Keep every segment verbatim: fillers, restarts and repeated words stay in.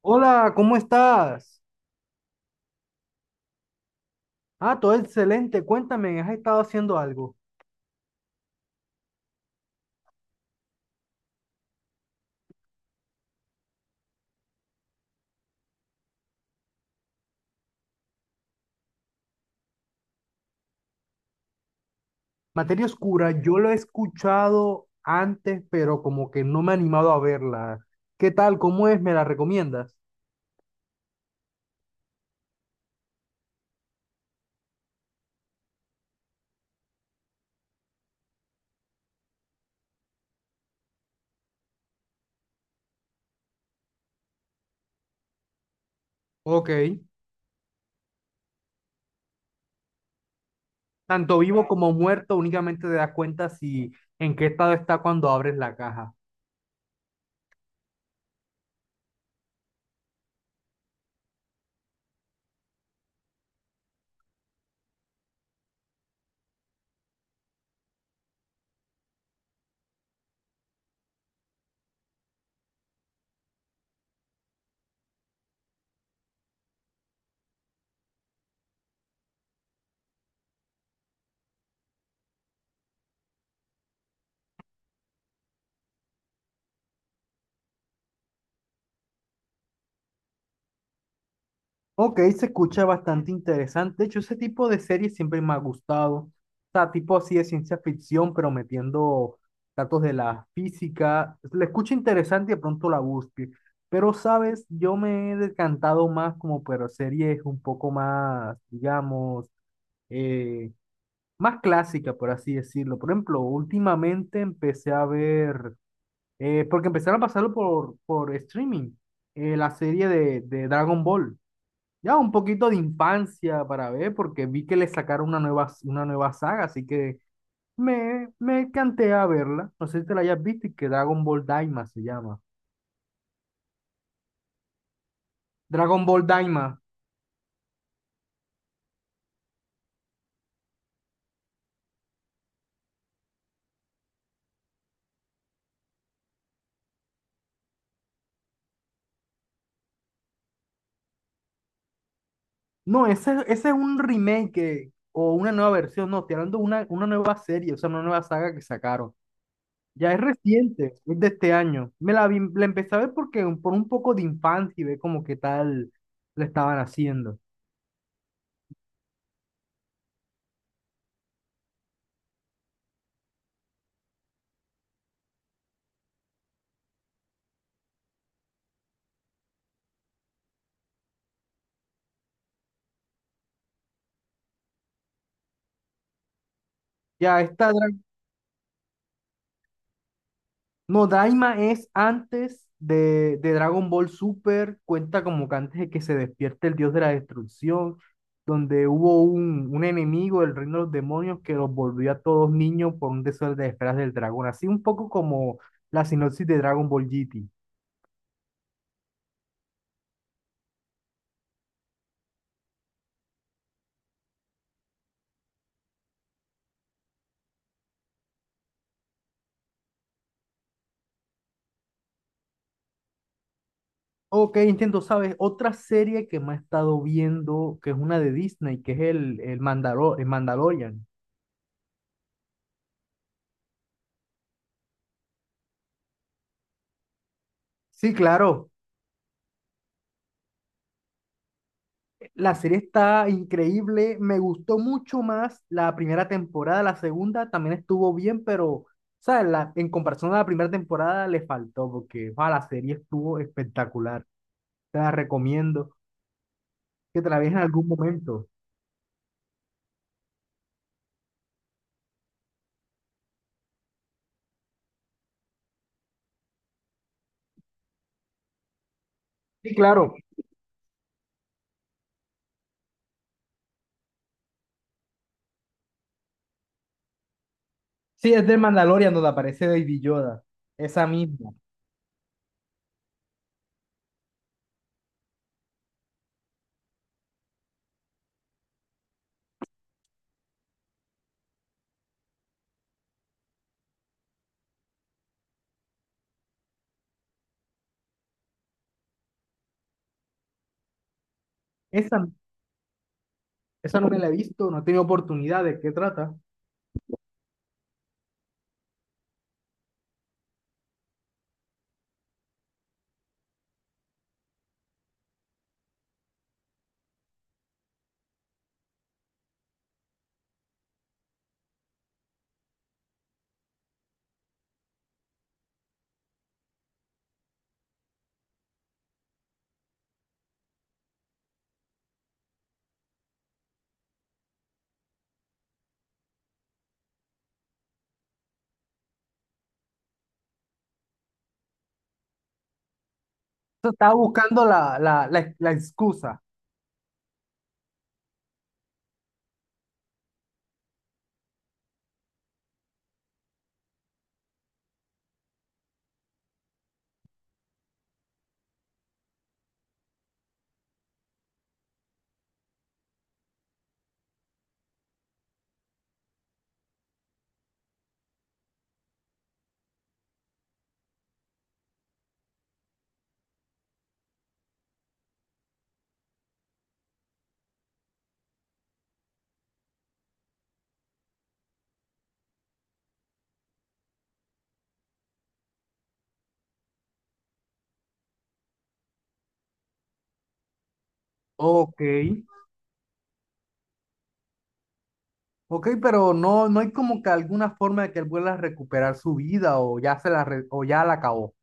Hola, ¿cómo estás? Ah, todo excelente. Cuéntame, ¿has estado haciendo algo? Materia Oscura, yo lo he escuchado antes, pero como que no me he animado a verla. ¿Qué tal? ¿Cómo es? ¿Me la recomiendas? Ok. Tanto vivo como muerto, únicamente te das cuenta si en qué estado está cuando abres la caja. Ok, se escucha bastante interesante. De hecho, ese tipo de series siempre me ha gustado. O sea, tipo así de ciencia ficción, pero metiendo datos de la física. La escucho interesante y de pronto la busque. Pero, ¿sabes? Yo me he decantado más como por series un poco más, digamos, eh, más clásica, por así decirlo. Por ejemplo, últimamente empecé a ver, eh, porque empezaron a pasarlo por, por streaming, eh, la serie de, de Dragon Ball. Ya un poquito de infancia para ver, porque vi que le sacaron una nueva, una nueva saga, así que me, me canté a verla. No sé si te la hayas visto, y que Dragon Ball Daima se llama. Dragon Ball Daima. No, ese, ese es un remake que- o una nueva versión, no, estoy hablando de una, una nueva serie, o sea, una nueva saga que sacaron. Ya es reciente, es de este año. Me la vi- la empecé a ver porque un- por un poco de infancia y ve como qué tal le estaban haciendo. Ya está. No, Daima es antes de, de Dragon Ball Super, cuenta como que antes de que se despierte el dios de la destrucción, donde hubo un, un enemigo del reino de los demonios que los volvió a todos niños por un deseo de esferas del dragón, así un poco como la sinopsis de Dragon Ball G T. Ok, entiendo, ¿sabes? Otra serie que me ha estado viendo, que es una de Disney, que es el, el, Mandalor- el Mandalorian. Sí, claro. La serie está increíble, me gustó mucho más la primera temporada, la segunda también estuvo bien, pero ¿sabes? La, en comparación a la primera temporada le faltó porque ah, la serie estuvo espectacular. Te la recomiendo que te la veas en algún momento. Sí, claro. Sí, es del Mandalorian donde aparece Baby Yoda. Esa misma. Esa, esa no me la he visto, no he tenido oportunidad. ¿De qué trata? Estaba buscando la, la, la, la excusa. Ok. Ok, pero no, no hay como que alguna forma de que él vuelva a recuperar su vida o ya se la re- o ya la acabó.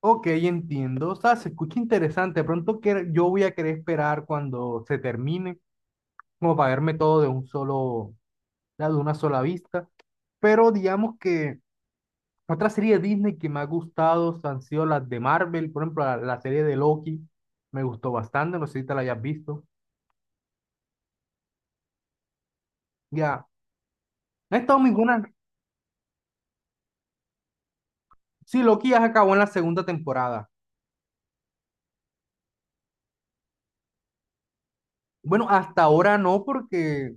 Ok, entiendo. O sea, se escucha interesante. De pronto que yo voy a querer esperar cuando se termine, como para verme todo de un solo, ya de una sola vista. Pero digamos que otra serie de Disney que me ha gustado han sido las de Marvel. Por ejemplo, la, la serie de Loki me gustó bastante. No sé si te la hayas visto. Ya, no he estado ninguna. Sí, Loki ya se acabó en la segunda temporada. Bueno, hasta ahora no, porque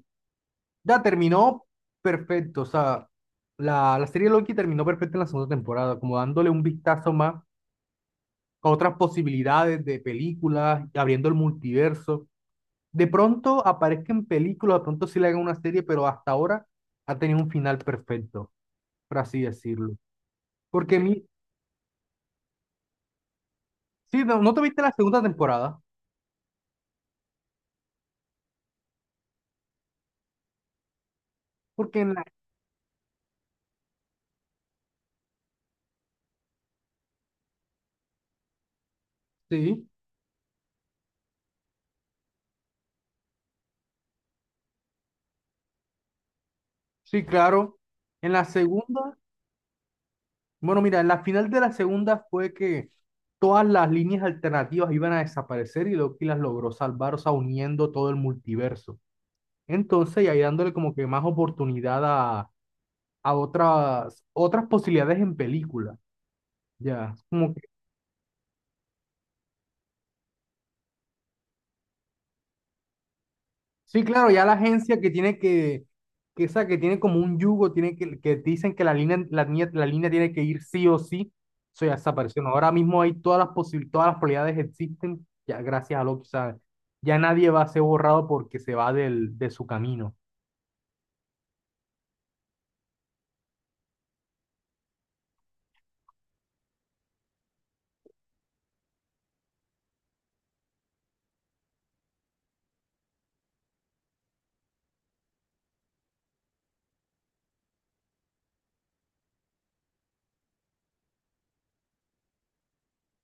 ya terminó perfecto. O sea, la, la serie Loki terminó perfecta en la segunda temporada, como dándole un vistazo más a otras posibilidades de películas, abriendo el multiverso. De pronto aparezca en películas, de pronto sí le hagan una serie, pero hasta ahora ha tenido un final perfecto, por así decirlo. Porque mi, sí, no, no te viste la segunda temporada, porque en la, sí, sí, claro, en la segunda. Bueno, mira, en la final de la segunda fue que todas las líneas alternativas iban a desaparecer y Loki las logró salvar, o sea, uniendo todo el multiverso. Entonces, y ahí dándole como que más oportunidad a, a otras, otras posibilidades en película. Ya, como sí, claro, ya la agencia que tiene que, que esa que tiene como un yugo, tiene que, que dicen que la línea, la línea, la línea tiene que ir sí o sí, eso ya desapareció. ¿No? Ahora mismo hay todas las posibilidades, todas las probabilidades existen, ya gracias a lo que sabe. Ya nadie va a ser borrado porque se va del, de su camino.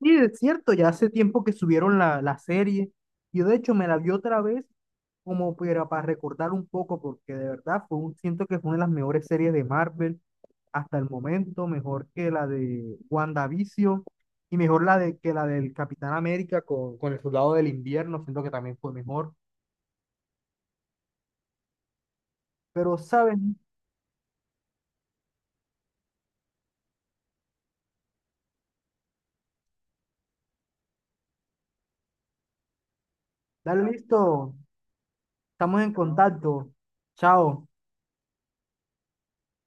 Sí es cierto, ya hace tiempo que subieron la, la serie. Yo de hecho me la vi otra vez como para, para recordar un poco, porque de verdad fue un, siento que fue una de las mejores series de Marvel hasta el momento, mejor que la de WandaVision y mejor la de, que la del Capitán América con, con el Soldado del Invierno, siento que también fue mejor. Pero, ¿saben? Dale listo, estamos en contacto. Chao.